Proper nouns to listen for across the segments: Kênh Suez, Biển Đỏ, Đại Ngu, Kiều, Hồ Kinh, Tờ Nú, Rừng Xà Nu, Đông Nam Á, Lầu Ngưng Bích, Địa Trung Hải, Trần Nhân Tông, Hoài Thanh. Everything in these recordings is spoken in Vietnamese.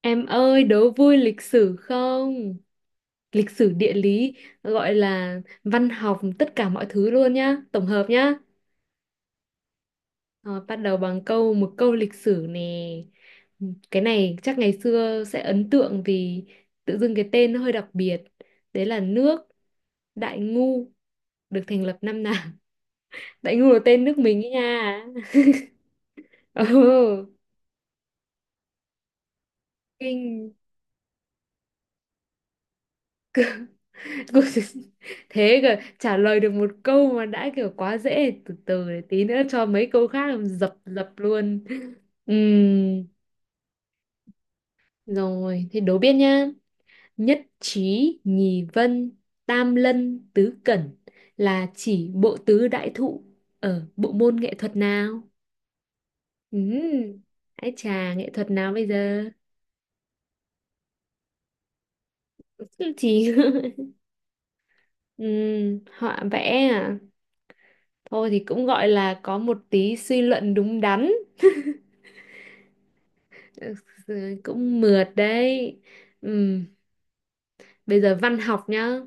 Em ơi, đố vui lịch sử không? Lịch sử địa lý, gọi là văn học, tất cả mọi thứ luôn nhá, tổng hợp nhá. Rồi, bắt đầu bằng một câu lịch sử nè. Cái này chắc ngày xưa sẽ ấn tượng vì tự dưng cái tên nó hơi đặc biệt. Đấy là nước Đại Ngu được thành lập năm nào? Đại Ngu là tên nước mình ấy nha. Ồ, kinh. Thế cơ, trả lời được một câu mà đã kiểu quá dễ, từ từ để tí nữa cho mấy câu khác làm dập dập luôn. Ừm, Rồi, thế đố biết nhá. Nhất trí nhì vân, tam lân tứ cẩn là chỉ bộ tứ đại thụ ở bộ môn nghệ thuật nào? Ừm, Hãy trà nghệ thuật nào bây giờ? chỉ Họa vẽ à? Thôi thì cũng gọi là có một tí suy luận đúng đắn. Ừ, cũng mượt đấy, ừ. Bây giờ văn học nhá.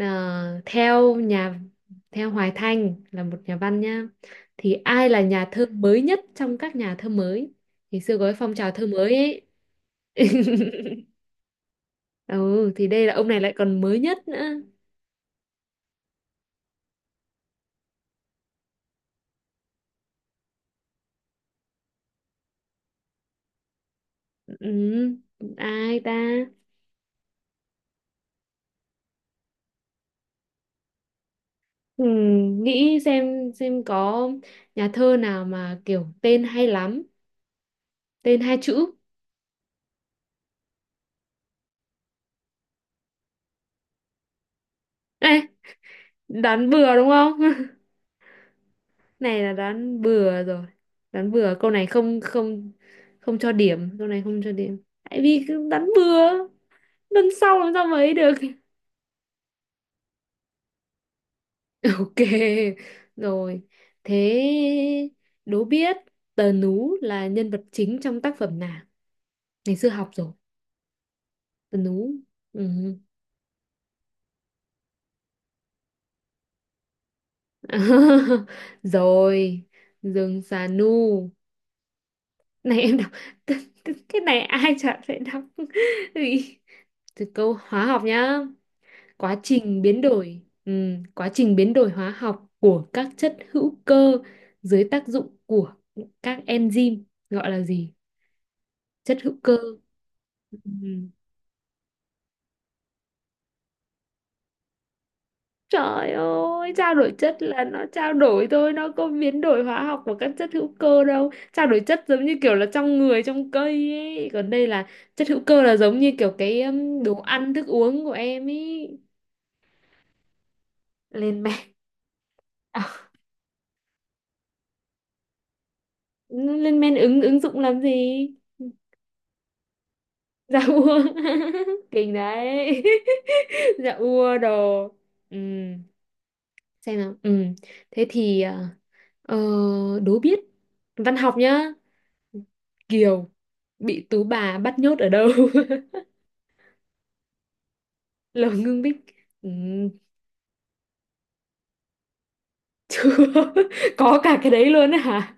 Ờ, theo nhà theo Hoài Thanh là một nhà văn nhá, thì ai là nhà thơ mới nhất trong các nhà thơ mới? Thì xưa có cái phong trào thơ mới ấy. Ừ, thì đây là ông này lại còn mới nhất nữa. Ừ, ai ta? Ừ, nghĩ xem có nhà thơ nào mà kiểu tên hay lắm, tên hai chữ. Ê, đoán bừa đúng không? Này là đoán bừa rồi, đoán bừa câu này không, không, không cho điểm. Câu này không cho điểm, tại vì cứ đoán bừa, lần sau làm sao mà ấy được. Ok, rồi thế đố biết. Tờ nú là nhân vật chính trong tác phẩm nào? Ngày xưa học rồi. Tờ nú, ừ. Rồi, rừng xà nu. Này em đọc. Cái này ai chả phải đọc. Ui. Từ câu hóa học nhá. Quá trình biến đổi quá trình biến đổi hóa học của các chất hữu cơ dưới tác dụng của các enzyme gọi là gì? Chất hữu cơ. Ừm. Trời ơi, trao đổi chất là nó trao đổi thôi, nó có biến đổi hóa học của các chất hữu cơ đâu. Trao đổi chất giống như kiểu là trong người, trong cây ấy. Còn đây là chất hữu cơ, là giống như kiểu cái đồ ăn, thức uống của em ấy. Lên men. À, lên men ứng ứng dụng làm gì? Ừ, dạ ua. Kinh đấy. Dạ ua đồ. Ừ, xem nào. Ừ, thế thì ờ, đố biết văn học nhá. Kiều bị tú bà bắt nhốt ở đâu? Lầu Ngưng Bích, ừ. Chưa? Có cả cái đấy luôn á hả?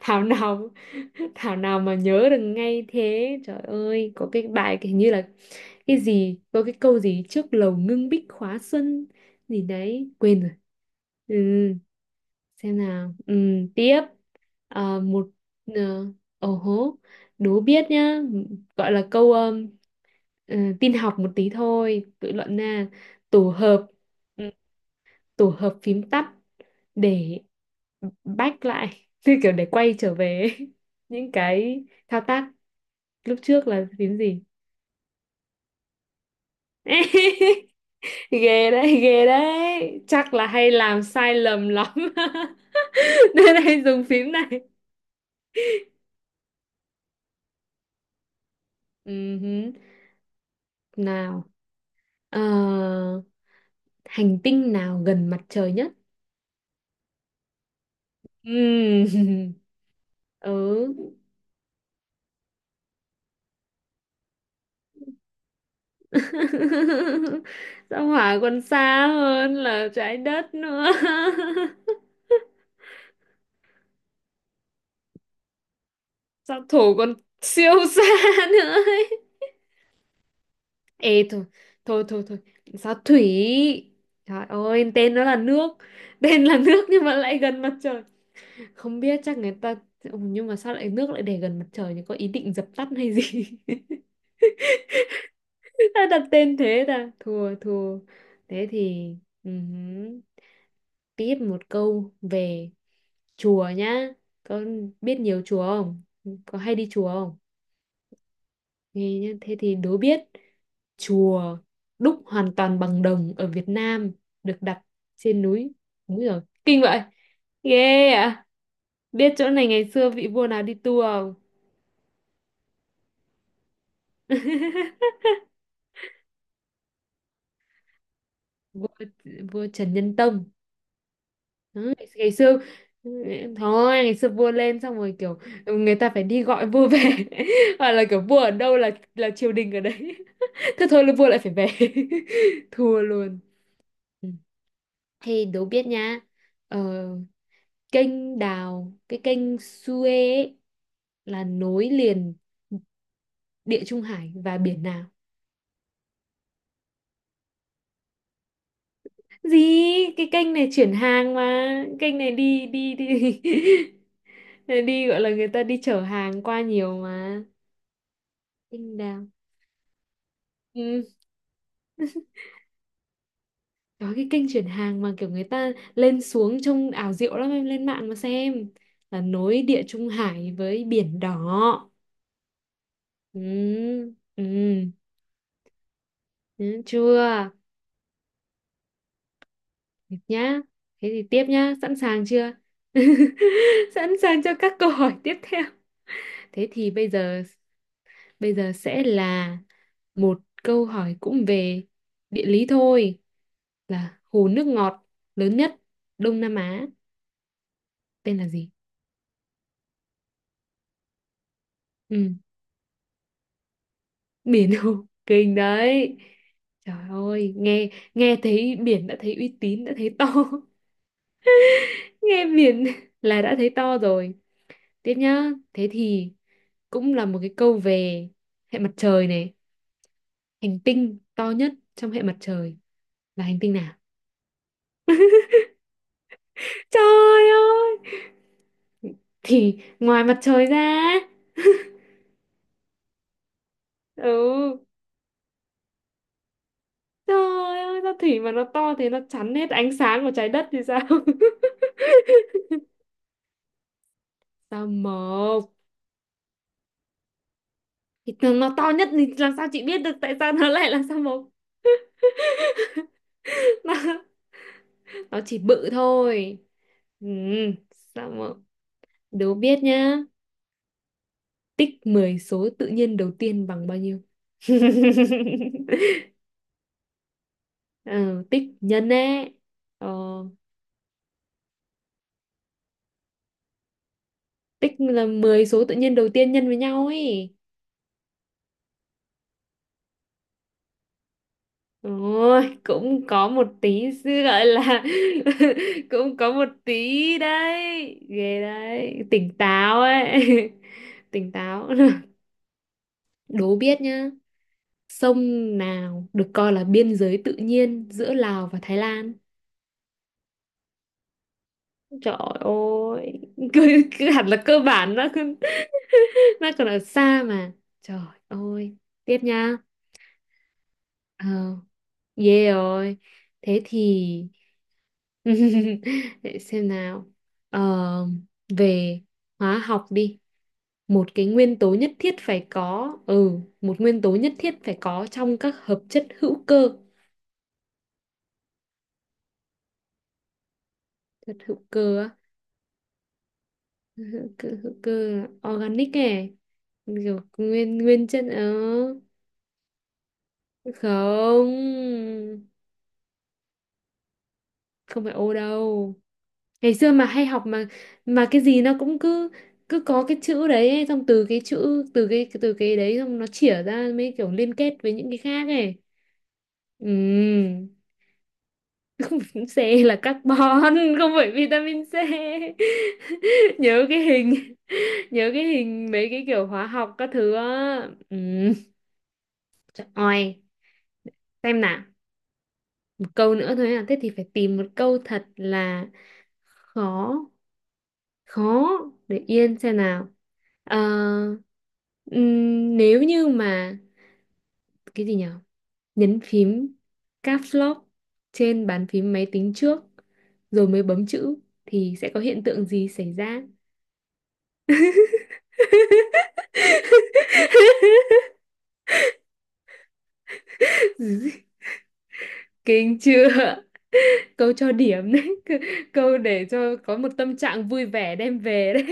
Thảo nào. Thảo nào mà nhớ được ngay thế. Trời ơi, có cái bài kiểu như là cái gì, có cái câu gì trước "Lầu Ngưng Bích khóa xuân" gì đấy, quên rồi. Ừ, xem nào. Ừ, tiếp. Ờ, một ờ, Ồ hố, đố biết nhá. Gọi là câu tin học một tí thôi, tự luận nè. Tổ hợp ừ, tổ hợp phím tắt để back lại như kiểu để quay trở về những cái thao tác lúc trước là phím gì? Ghê đấy, ghê đấy, chắc là hay làm sai lầm lắm. Nên hay dùng phím này. Hứ. Nào. Ờ, Hành tinh nào gần mặt trời nhất? Ừm, ừ sao hỏa còn xa hơn là trái đất nữa. Sao thổ còn siêu xa nữa ấy. Ê thôi, thôi thôi thôi, sao thủy? Trời ơi, tên nó là nước. Tên là nước nhưng mà lại gần mặt trời. Không biết, chắc người ta... Ừ, nhưng mà sao lại nước lại để gần mặt trời, thì có ý định dập tắt hay gì? Ta đặt tên thế ta, thua thua. Thế thì ừm, tiếp một câu về chùa nhá. Có biết nhiều chùa không? Có hay đi chùa không? Nghe nhá, thế thì đố biết. Chùa đúc hoàn toàn bằng đồng ở Việt Nam được đặt trên núi. Đúng rồi, kinh vậy. Ghê ạ. Biết chỗ này ngày xưa vị vua nào đi tour không? Vua, vua Trần Nhân Tông. Đó, ngày ngày xưa, thôi ngày xưa vua lên xong rồi kiểu người ta phải đi gọi vua về, hoặc là kiểu vua ở đâu là triều đình ở đấy, thế thôi là vua lại phải về. Thua luôn. Ừ. Thì đố biết nhá. Ờ, Kênh Đào, cái kênh Suez ấy, là nối liền Địa Trung Hải và biển nào? Gì? Cái kênh này chuyển hàng mà, kênh này đi đi đi đi, gọi là người ta đi chở hàng qua nhiều mà. Kênh Đào. Ừ, có cái kênh chuyển hàng mà kiểu người ta lên xuống trông ảo diệu lắm, em lên mạng mà xem, là nối Địa Trung Hải với Biển Đỏ. Ừ, ừ, ừ, chưa? Được nhá. Thế thì tiếp nhá, sẵn sàng chưa? Sẵn sàng cho các câu hỏi tiếp theo. Thế thì bây giờ, bây giờ sẽ là một câu hỏi cũng về địa lý thôi, là hồ nước ngọt lớn nhất Đông Nam Á tên là gì? Ừ, biển Hồ, kinh đấy. Trời ơi, nghe nghe thấy biển đã thấy uy tín, đã thấy to. Nghe biển là đã thấy to rồi. Tiếp nhá. Thế thì cũng là một cái câu về hệ mặt trời này, hành tinh to nhất trong hệ mặt trời là hành tinh nào? Trời ơi, thì ngoài mặt trời ra. Ừ. Trời ơi, sao thủy mà nó to thế nó chắn hết ánh sáng của trái đất thì sao? Sao mộc? Thì nó to nhất thì làm sao chị biết được tại sao nó lại là sao mộc? Nó, nó chỉ bự thôi. Ừ, sao mộc? Đố biết nhá. Tích 10 số tự nhiên đầu tiên bằng bao nhiêu? Ừ, tích nhân ấy. Ờ. Tích là 10 số tự nhiên đầu tiên nhân với nhau ấy. Ôi, cũng có một tí sự gọi là... cũng có một tí đấy. Ghê đấy, tỉnh táo ấy. Tỉnh táo. Đố biết nhá. Sông nào được coi là biên giới tự nhiên giữa Lào và Thái Lan? Trời ơi. Cứ hẳn là cơ bản, nó còn- nó còn ở xa mà. Trời ơi, tiếp nha. ờ Ghê rồi. Thế thì để xem nào. Ờ, Về hóa học đi. Một nguyên tố nhất thiết phải có trong các hợp chất hữu cơ. Chất hữu cơ á, hữu cơ organic này. Kiểu nguyên nguyên chất, ờ... Không, không phải Ô đâu. Ngày xưa mà hay học mà cái gì nó cũng cứ cứ có cái chữ đấy ấy, xong từ cái chữ từ cái đấy xong nó chỉa ra mấy kiểu liên kết với những cái khác ấy. Ừ. C là carbon. Không phải vitamin C. nhớ cái hình nhớ cái hình mấy cái kiểu hóa học các thứ á. Ừ. Trời ơi, xem nào, một câu nữa thôi à, thế thì phải tìm một câu thật là khó, khó. Để yên xem nào. Ờ, Nếu như mà cái gì nhở, nhấn phím caps lock trên bàn phím máy tính trước rồi mới bấm chữ thì sẽ có hiện tượng gì xảy ra? Kinh chưa? Câu cho điểm đấy, câu để cho có một tâm trạng vui vẻ đem về đấy.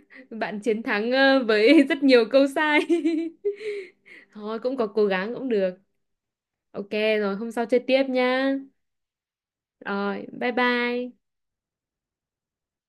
Bạn chiến thắng, với rất nhiều câu sai. Thôi cũng có cố gắng, cũng được. Ok, rồi hôm sau chơi tiếp nhá. Rồi, bye bye.